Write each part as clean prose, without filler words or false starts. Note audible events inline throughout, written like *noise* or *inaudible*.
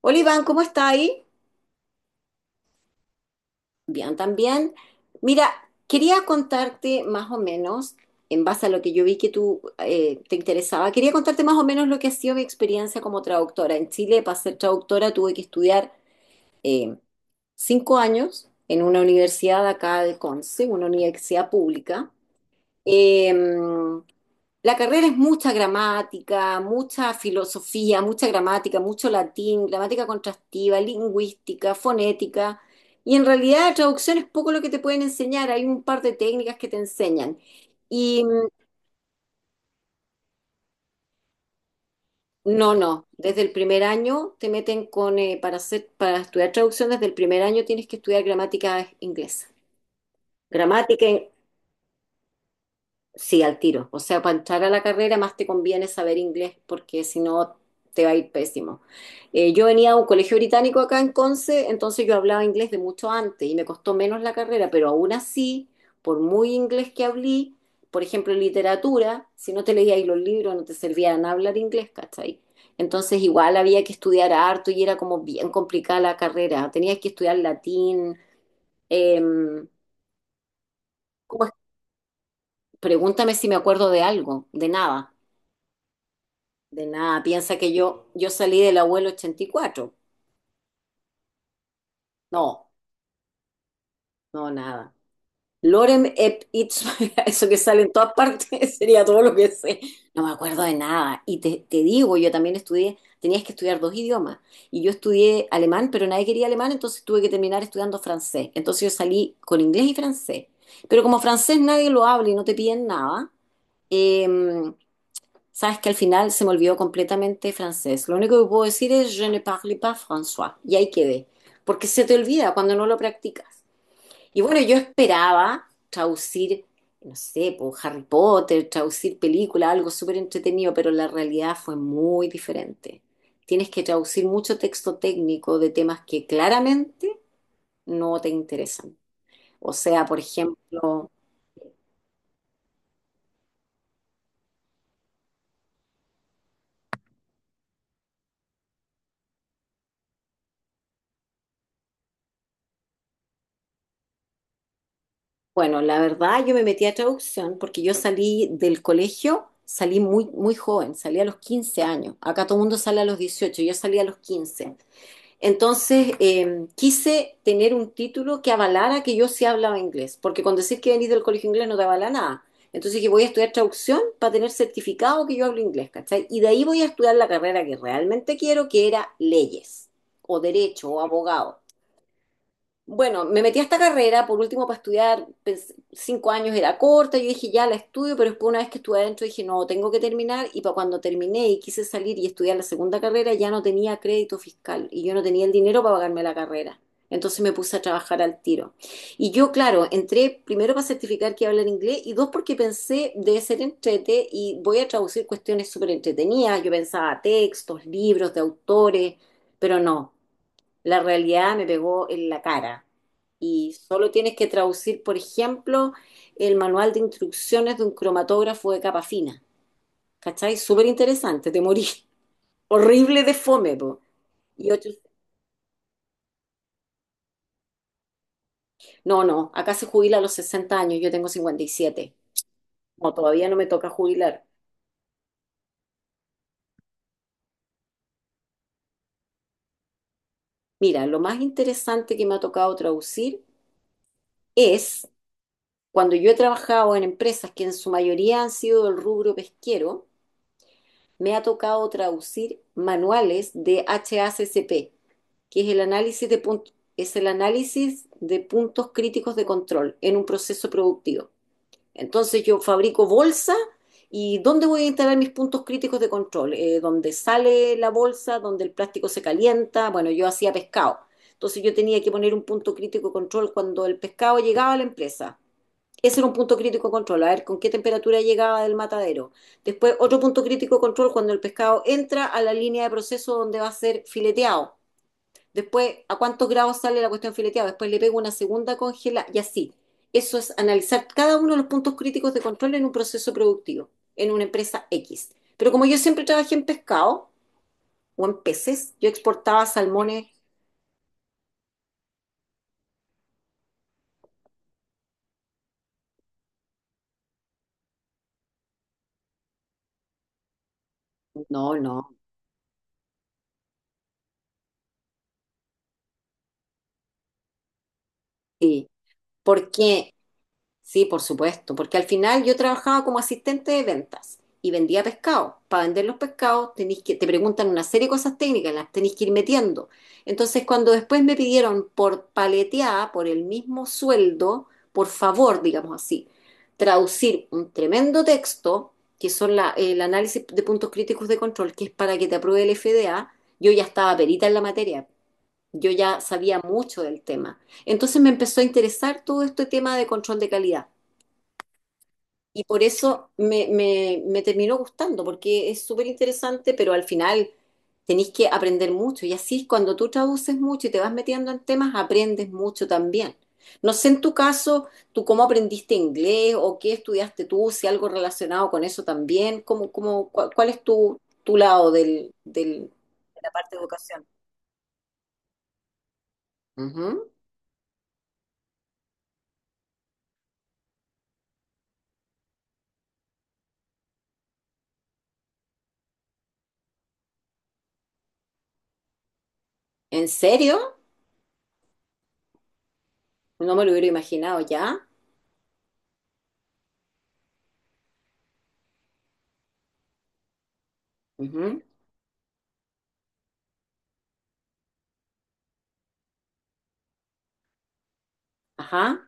Hola Iván, ¿cómo está ahí? Bien, también. Mira, quería contarte más o menos, en base a lo que yo vi que tú te interesaba, quería contarte más o menos lo que ha sido mi experiencia como traductora. En Chile, para ser traductora, tuve que estudiar eh, 5 años en una universidad de acá del Conce, una universidad pública. Eh, la carrera es mucha gramática, mucha filosofía, mucha gramática, mucho latín, gramática contrastiva, lingüística, fonética. Y en realidad la traducción es poco lo que te pueden enseñar, hay un par de técnicas que te enseñan. Y mm, no, no, desde el primer año te meten con, para hacer, para estudiar traducción, desde el primer año tienes que estudiar gramática inglesa. Gramática, in- Sí, al tiro. O sea, para entrar a la carrera más te conviene saber inglés porque si no te va a ir pésimo. Yo venía a un colegio británico acá en Conce, entonces yo hablaba inglés de mucho antes y me costó menos la carrera, pero aún así, por muy inglés que hablé, por ejemplo, en literatura, si no te leíais los libros no te servían hablar inglés, ¿cachai? Entonces igual había que estudiar harto y era como bien complicada la carrera. Tenías que estudiar latín. em, ¿Cómo es? Pregúntame si me acuerdo de algo, de nada. De nada, piensa que yo salí del abuelo 84. No, no, nada. Lorem ep ipsum, *laughs* eso que sale en todas partes, *laughs* sería todo lo que sé. No me acuerdo de nada. Y te digo, yo también estudié, tenías que estudiar 2 idiomas. Y yo estudié alemán, pero nadie quería alemán, entonces tuve que terminar estudiando francés. Entonces yo salí con inglés y francés. Pero como francés nadie lo habla y no te piden nada, eh, sabes que al final se me olvidó completamente francés. Lo único que puedo decir es je ne parle pas François. Y ahí quedé. Porque se te olvida cuando no lo practicas. Y bueno, yo esperaba traducir, no sé, por Harry Potter, traducir película, algo súper entretenido, pero la realidad fue muy diferente. Tienes que traducir mucho texto técnico de temas que claramente no te interesan. O sea, por ejemplo, bueno, la verdad yo me metí a traducción porque yo salí del colegio, salí muy, muy joven, salí a los 15 años. Acá todo el mundo sale a los 18, yo salí a los 15. Entonces quise tener un título que avalara que yo sí hablaba inglés, porque con decir que venís del colegio inglés no te avala nada. Entonces dije, voy a estudiar traducción para tener certificado que yo hablo inglés, ¿cachai? Y de ahí voy a estudiar la carrera que realmente quiero, que era leyes, o derecho, o abogado. Bueno, me metí a esta carrera, por último, para estudiar, 5 años era corta, yo dije, ya la estudio, pero después una vez que estuve adentro dije, no, tengo que terminar, y para cuando terminé y quise salir y estudiar la segunda carrera, ya no tenía crédito fiscal y yo no tenía el dinero para pagarme la carrera. Entonces me puse a trabajar al tiro. Y yo, claro, entré primero para certificar que iba a hablar inglés y dos porque pensé, debe ser entrete y voy a traducir cuestiones súper entretenidas. Yo pensaba textos, libros de autores, pero no, la realidad me pegó en la cara. Y solo tienes que traducir, por ejemplo, el manual de instrucciones de un cromatógrafo de capa fina. ¿Cachai? Súper interesante, te morí. *laughs* Horrible de fome, po. Y ocho... No, no, acá se jubila a los 60 años, yo tengo 57. No, todavía no me toca jubilar. Mira, lo más interesante que me ha tocado traducir es cuando yo he trabajado en empresas que en su mayoría han sido del rubro pesquero, me ha tocado traducir manuales de HACCP, que es el análisis de, es el análisis de puntos críticos de control en un proceso productivo. Entonces yo fabrico bolsa y ¿dónde voy a instalar mis puntos críticos de control? Donde sale la bolsa, donde el plástico se calienta. Bueno, yo hacía pescado. Entonces yo tenía que poner un punto crítico de control cuando el pescado llegaba a la empresa. Ese era un punto crítico de control, a ver con qué temperatura llegaba del matadero. Después, otro punto crítico de control cuando el pescado entra a la línea de proceso donde va a ser fileteado. Después, a cuántos grados sale la cuestión fileteada. Después le pego una segunda congela y así. Eso es analizar cada uno de los puntos críticos de control en un proceso productivo, en una empresa X. Pero como yo siempre trabajé en pescado o en peces, yo exportaba salmones. No, no. Sí. Porque sí, por supuesto, porque al final yo trabajaba como asistente de ventas y vendía pescado. Para vender los pescados tenés que, te preguntan una serie de cosas técnicas, las tenés que ir metiendo. Entonces, cuando después me pidieron por paleteada, por el mismo sueldo, por favor, digamos así, traducir un tremendo texto, que son el análisis de puntos críticos de control, que es para que te apruebe el FDA, yo ya estaba perita en la materia. Yo ya sabía mucho del tema. Entonces me empezó a interesar todo este tema de control de calidad. Y por eso me terminó gustando, porque es súper interesante, pero al final tenés que aprender mucho. Y así cuando tú traduces mucho y te vas metiendo en temas, aprendes mucho también. No sé en tu caso, tú cómo aprendiste inglés o qué estudiaste tú, si algo relacionado con eso también, cómo, cómo, cuál, cuál es tu, tu lado de la parte de educación. Ujú. ¿En serio? No me lo hubiera imaginado ya. Ujú. Ajá,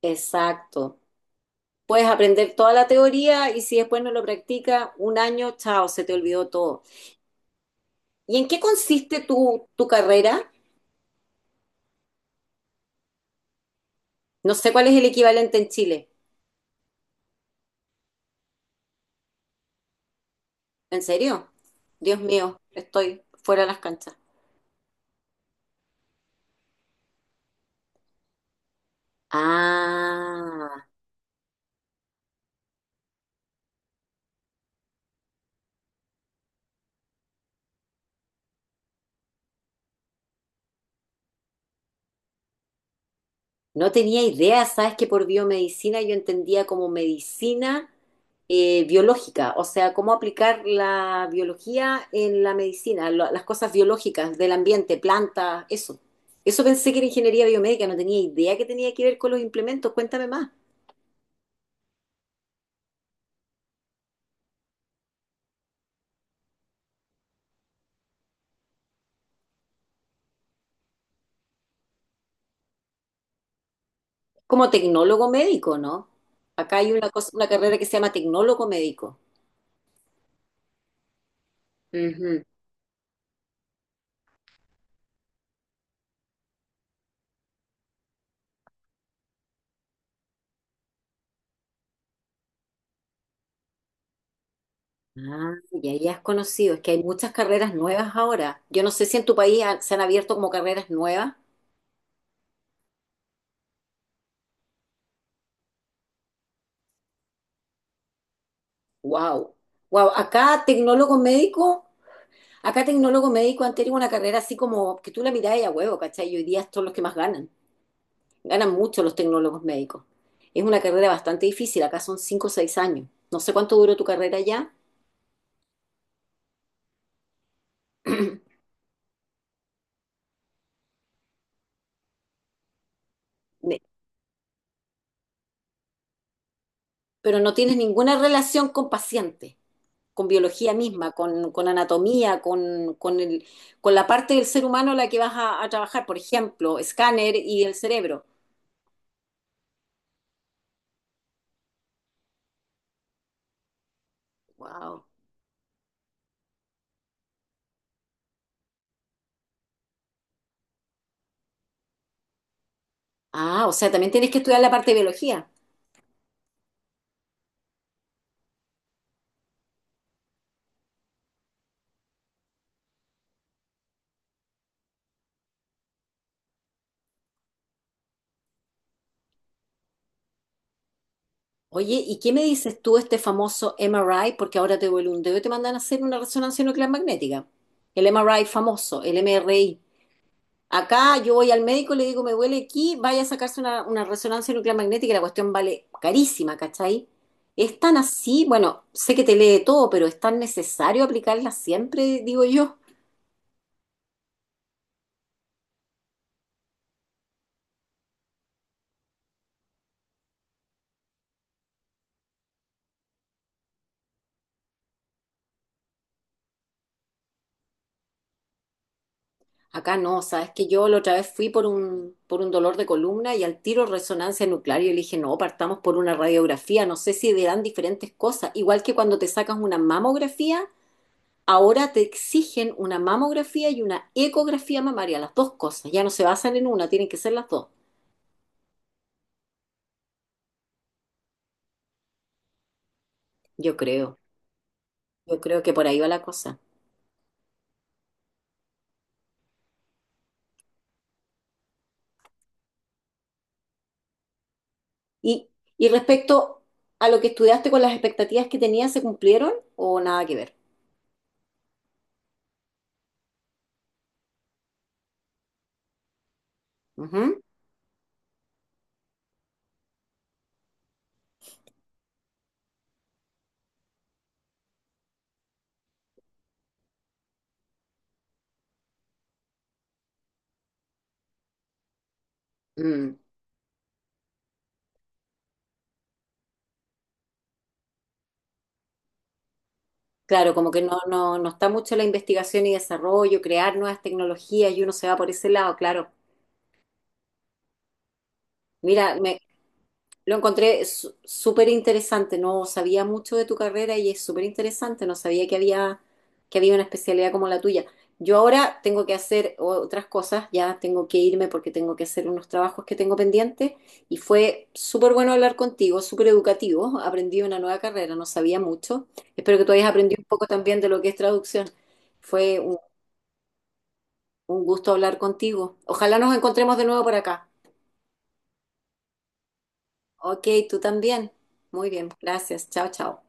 exacto. Puedes aprender toda la teoría y si después no lo practicas, un año, chao, se te olvidó todo. ¿Y en qué consiste tu, tu carrera? No sé cuál es el equivalente en Chile. ¿En serio? Dios mío, estoy fuera de las canchas. Ah. No tenía idea, sabes que por biomedicina yo entendía como medicina biológica, o sea, cómo aplicar la biología en la medicina, las cosas biológicas del ambiente, plantas, eso. Eso pensé que era ingeniería biomédica, no tenía idea que tenía que ver con los implementos, cuéntame más. Como tecnólogo médico, ¿no? Acá hay una cosa, una carrera que se llama tecnólogo médico. Ujú. Ah, y ahí has conocido, es que hay muchas carreras nuevas ahora. Yo no sé si en tu país se han abierto como carreras nuevas. Wow, wow. Acá tecnólogo médico han tenido una carrera así como que tú la mirás y a huevo, ¿cachai? Y hoy día son los que más ganan. Ganan mucho los tecnólogos médicos. Es una carrera bastante difícil, acá son 5 o 6 años. No sé cuánto duró tu carrera ya, ne- pero no tienes ninguna relación con pacientes, con biología misma, con anatomía, con, con la parte del ser humano a la que vas a trabajar, por ejemplo, escáner y el cerebro. Wow. Ah, o sea, también tienes que estudiar la parte de biología. Oye, ¿y qué me dices tú este famoso MRI? Porque ahora te duele un dedo y te mandan a hacer una resonancia nuclear magnética. El MRI famoso, el MRI. Acá yo voy al médico y le digo, me duele aquí, vaya a sacarse una resonancia nuclear magnética y la cuestión vale carísima, ¿cachai? ¿Es tan así? Bueno, sé que te lee todo, pero ¿es tan necesario aplicarla siempre, digo yo? Acá no, sabes que yo la otra vez fui por un dolor de columna y al tiro resonancia nuclear. Y yo le dije, no, partamos por una radiografía, no sé si dan diferentes cosas. Igual que cuando te sacas una mamografía, ahora te exigen una mamografía y una ecografía mamaria, las dos cosas. Ya no se basan en una, tienen que ser las dos. Yo creo, yo creo que por ahí va la cosa. Y, y respecto a lo que estudiaste con las expectativas que tenías, ¿se cumplieron o nada que ver? Ujú. Mm. Claro, como que no, no, no está mucho la investigación y desarrollo, crear nuevas tecnologías y uno se va por ese lado, claro. Mira, me, lo encontré súper interesante, no sabía mucho de tu carrera y es súper interesante, no sabía que había una especialidad como la tuya. Yo ahora tengo que hacer otras cosas, ya tengo que irme porque tengo que hacer unos trabajos que tengo pendientes y fue súper bueno hablar contigo, súper educativo, aprendí una nueva carrera, no sabía mucho. Espero que tú hayas aprendido un poco también de lo que es traducción. Fue un gusto hablar contigo. Ojalá nos encontremos de nuevo por acá. Ok, tú también. Muy bien, gracias. Chao, chao.